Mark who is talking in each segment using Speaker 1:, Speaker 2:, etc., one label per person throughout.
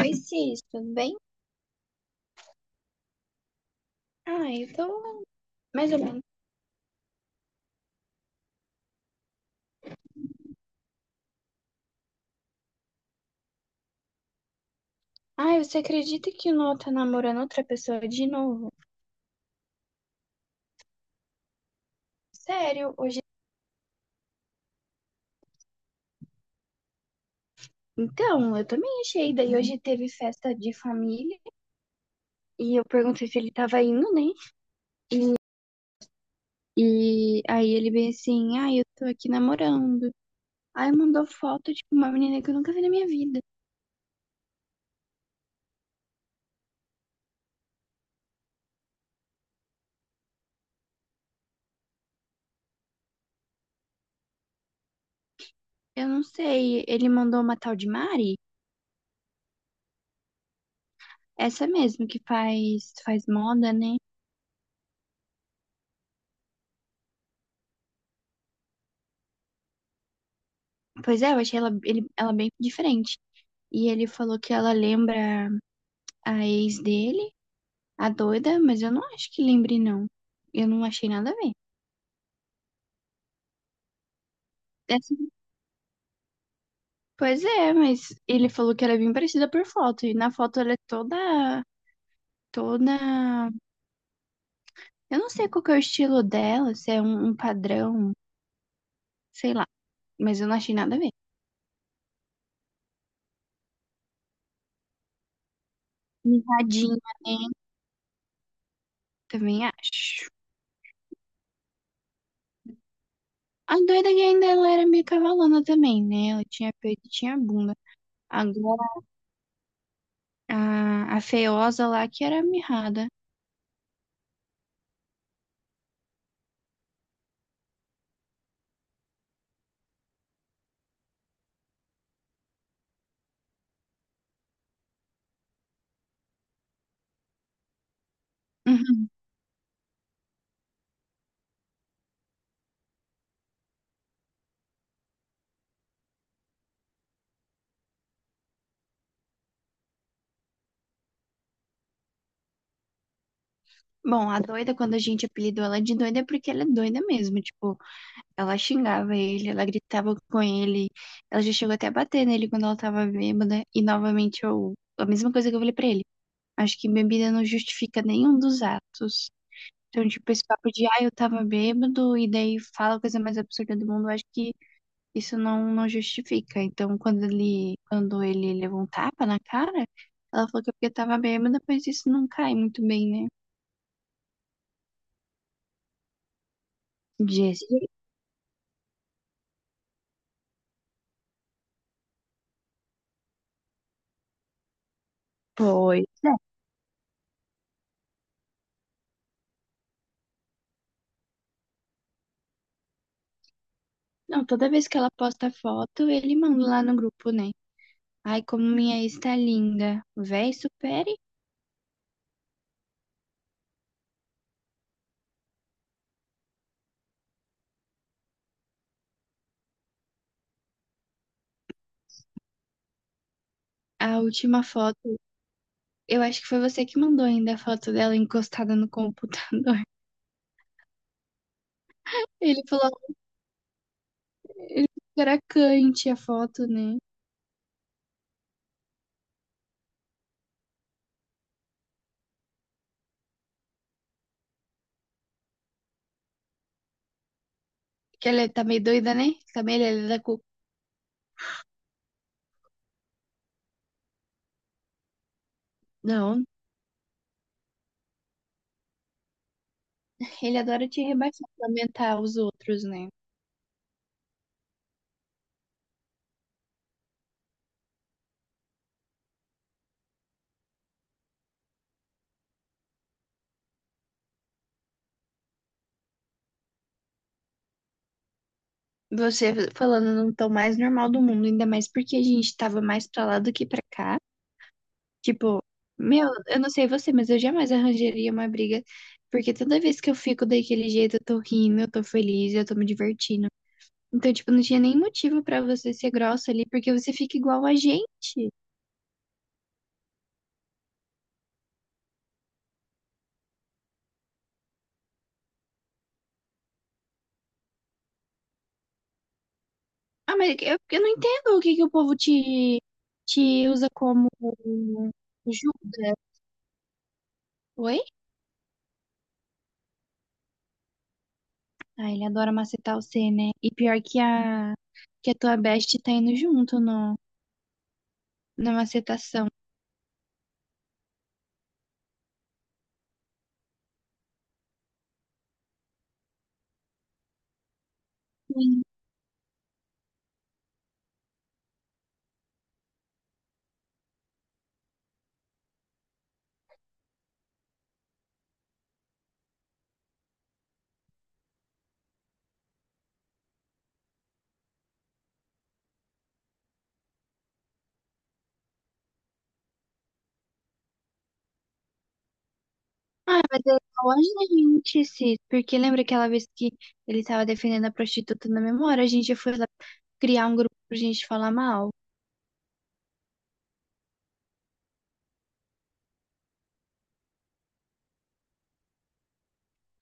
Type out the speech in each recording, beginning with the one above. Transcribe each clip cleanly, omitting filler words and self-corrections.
Speaker 1: Oi, Cis, tudo bem? Ah, eu tô mais ou menos. Ai, você acredita que o Noah tá namorando outra pessoa de novo? Sério, hoje. Então, eu também achei. Daí hoje teve festa de família e eu perguntei se ele tava indo, né? E aí ele bem assim, ai, eu tô aqui namorando. Aí mandou foto de uma menina que eu nunca vi na minha vida. Eu não sei, ele mandou uma tal de Mari? Essa mesmo que faz moda, né? Pois é, eu achei ela, ela bem diferente. E ele falou que ela lembra a ex dele, a doida, mas eu não acho que lembre, não. Eu não achei nada a ver. É assim, pois é, mas ele falou que ela é bem parecida por foto. E na foto ela é toda, toda. Eu não sei qual que é o estilo dela, se é um padrão, sei lá. Mas eu não achei nada a ver. Mirradinha, né? Também acho. A doida que ainda ela era meio cavalona também, né? Ela tinha peito e tinha bunda. Agora a feiosa lá que era mirrada. Bom, a doida, quando a gente apelidou ela de doida, é porque ela é doida mesmo. Tipo, ela xingava ele, ela gritava com ele, ela já chegou até a bater nele quando ela tava bêbada. E novamente, eu, a mesma coisa que eu falei pra ele. Acho que bebida não justifica nenhum dos atos. Então, tipo, esse papo de, ah, eu tava bêbado, e daí fala a coisa mais absurda do mundo, eu acho que isso não justifica. Então, quando ele levou um tapa na cara, ela falou que é porque tava bêbada, mas isso não cai muito bem, né? Jesse, pois. Não, toda vez que ela posta foto, ele manda lá no grupo, né? Ai, como minha ex tá linda. Véi, supere. A última foto, eu acho que foi você que mandou ainda a foto dela encostada no computador. Ele falou, ele falou que era cante a foto, né? Que ela tá meio doida, né? Também ele é da cu... Não, ele adora te rebaixar, lamentar os outros, né? Você falando no tom mais normal do mundo, ainda mais porque a gente tava mais pra lá do que pra cá. Tipo, meu, eu não sei você, mas eu jamais arranjaria uma briga, porque toda vez que eu fico daquele jeito, eu tô rindo, eu tô feliz, eu tô me divertindo. Então, tipo, não tinha nem motivo pra você ser grossa ali, porque você fica igual a gente. Ah, mas eu não entendo o que que o povo te, te usa como Judas. Oi? Ah, ele adora macetar você, né? E pior que que a tua best tá indo junto no, na macetação. Ah, mas é igual a gente, Cis, porque lembra aquela vez que ele tava defendendo a prostituta na memória? A gente foi lá criar um grupo pra gente falar mal.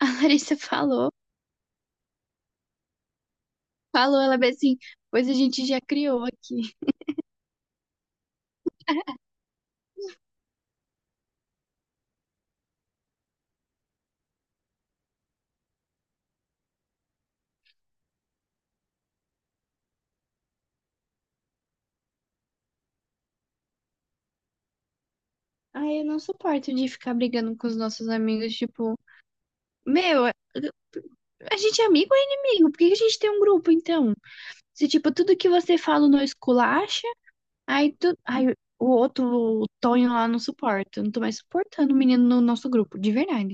Speaker 1: A Larissa falou, falou, ela bem assim, pois a gente já criou aqui. Ai, eu não suporto de ficar brigando com os nossos amigos, tipo, meu, a gente é amigo ou é inimigo? Por que que a gente tem um grupo, então? Se, tipo, tudo que você fala não esculacha, aí, aí o outro, o Tonho lá, não suporta. Eu não tô mais suportando o menino no nosso grupo, de verdade.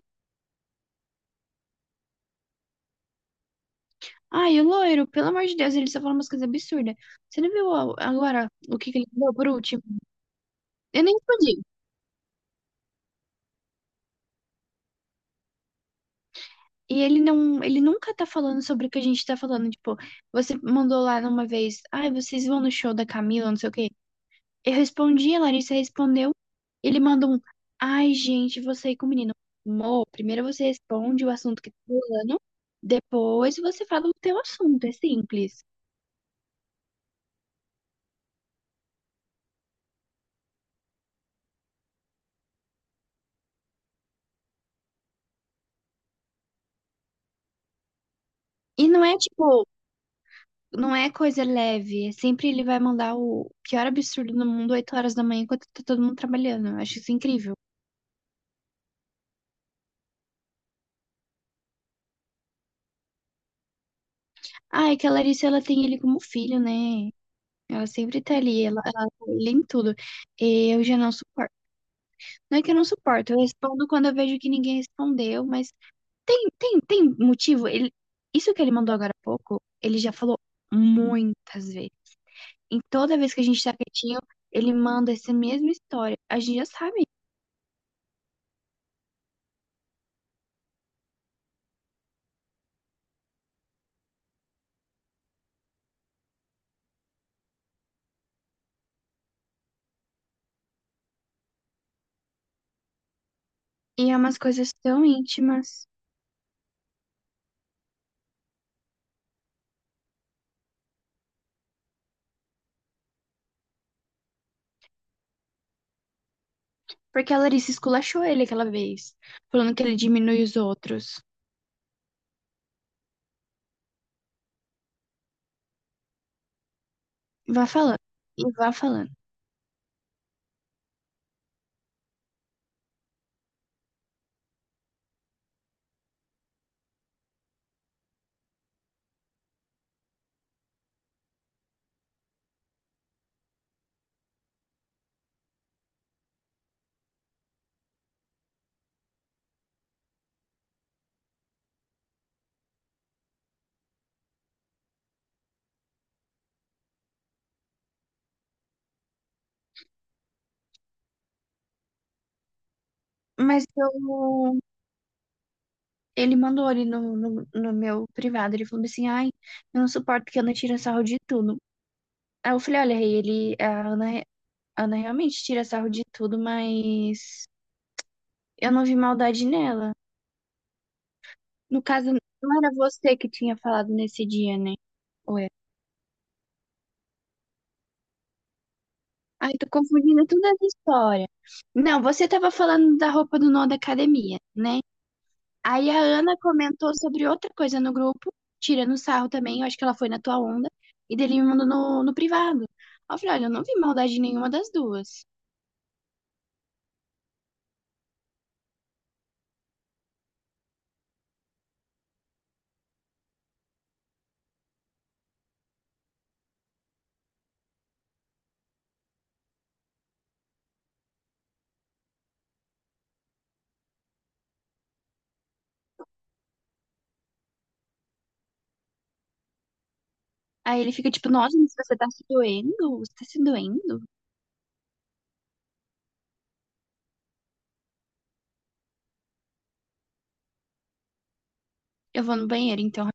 Speaker 1: Ai, o loiro, pelo amor de Deus, ele só fala umas coisas absurdas. Você não viu agora o que que ele falou por último? Eu nem respondi. E ele ele nunca tá falando sobre o que a gente tá falando. Tipo, você mandou lá numa vez, ai, vocês vão no show da Camila, não sei o quê. Eu respondi, a Larissa respondeu. Ele mandou um, ai, gente, vou sair com o menino. Amor, primeiro você responde o assunto que tá falando, depois você fala o teu assunto, é simples. E não é coisa leve. É Sempre ele vai mandar o pior absurdo do mundo 8 horas da manhã enquanto tá todo mundo trabalhando. Eu acho isso incrível. Ah, é que a Larissa, ela tem ele como filho, né? Ela sempre tá ali, ela tá ali em tudo. E eu já não suporto. Não é que eu não suporto, eu respondo quando eu vejo que ninguém respondeu, mas tem motivo. Ele, isso que ele mandou agora há pouco, ele já falou muitas vezes. Em toda vez que a gente tá quietinho, ele manda essa mesma história. A gente já sabe. E é umas coisas tão íntimas. Porque a Larissa esculachou ele aquela vez, falando que ele diminui os outros. Vá falando, e vá falando. Mas eu... ele mandou ali no meu privado, ele falou assim, ai, eu não suporto que a Ana tira sarro de tudo. Aí eu falei, olha, Rei, a Ana realmente tira sarro de tudo, mas eu não vi maldade nela. No caso, não era você que tinha falado nesse dia, né? Ou é? Ai, tô confundindo toda essa história. Não, você tava falando da roupa do nó da academia, né? Aí a Ana comentou sobre outra coisa no grupo, tirando sarro também, eu acho que ela foi na tua onda, e dele me mandou no privado. Aí eu falei, olha, eu não vi maldade nenhuma das duas. Aí ele fica tipo, nossa, mas você tá se doendo? Você tá se doendo? Eu vou no banheiro, então,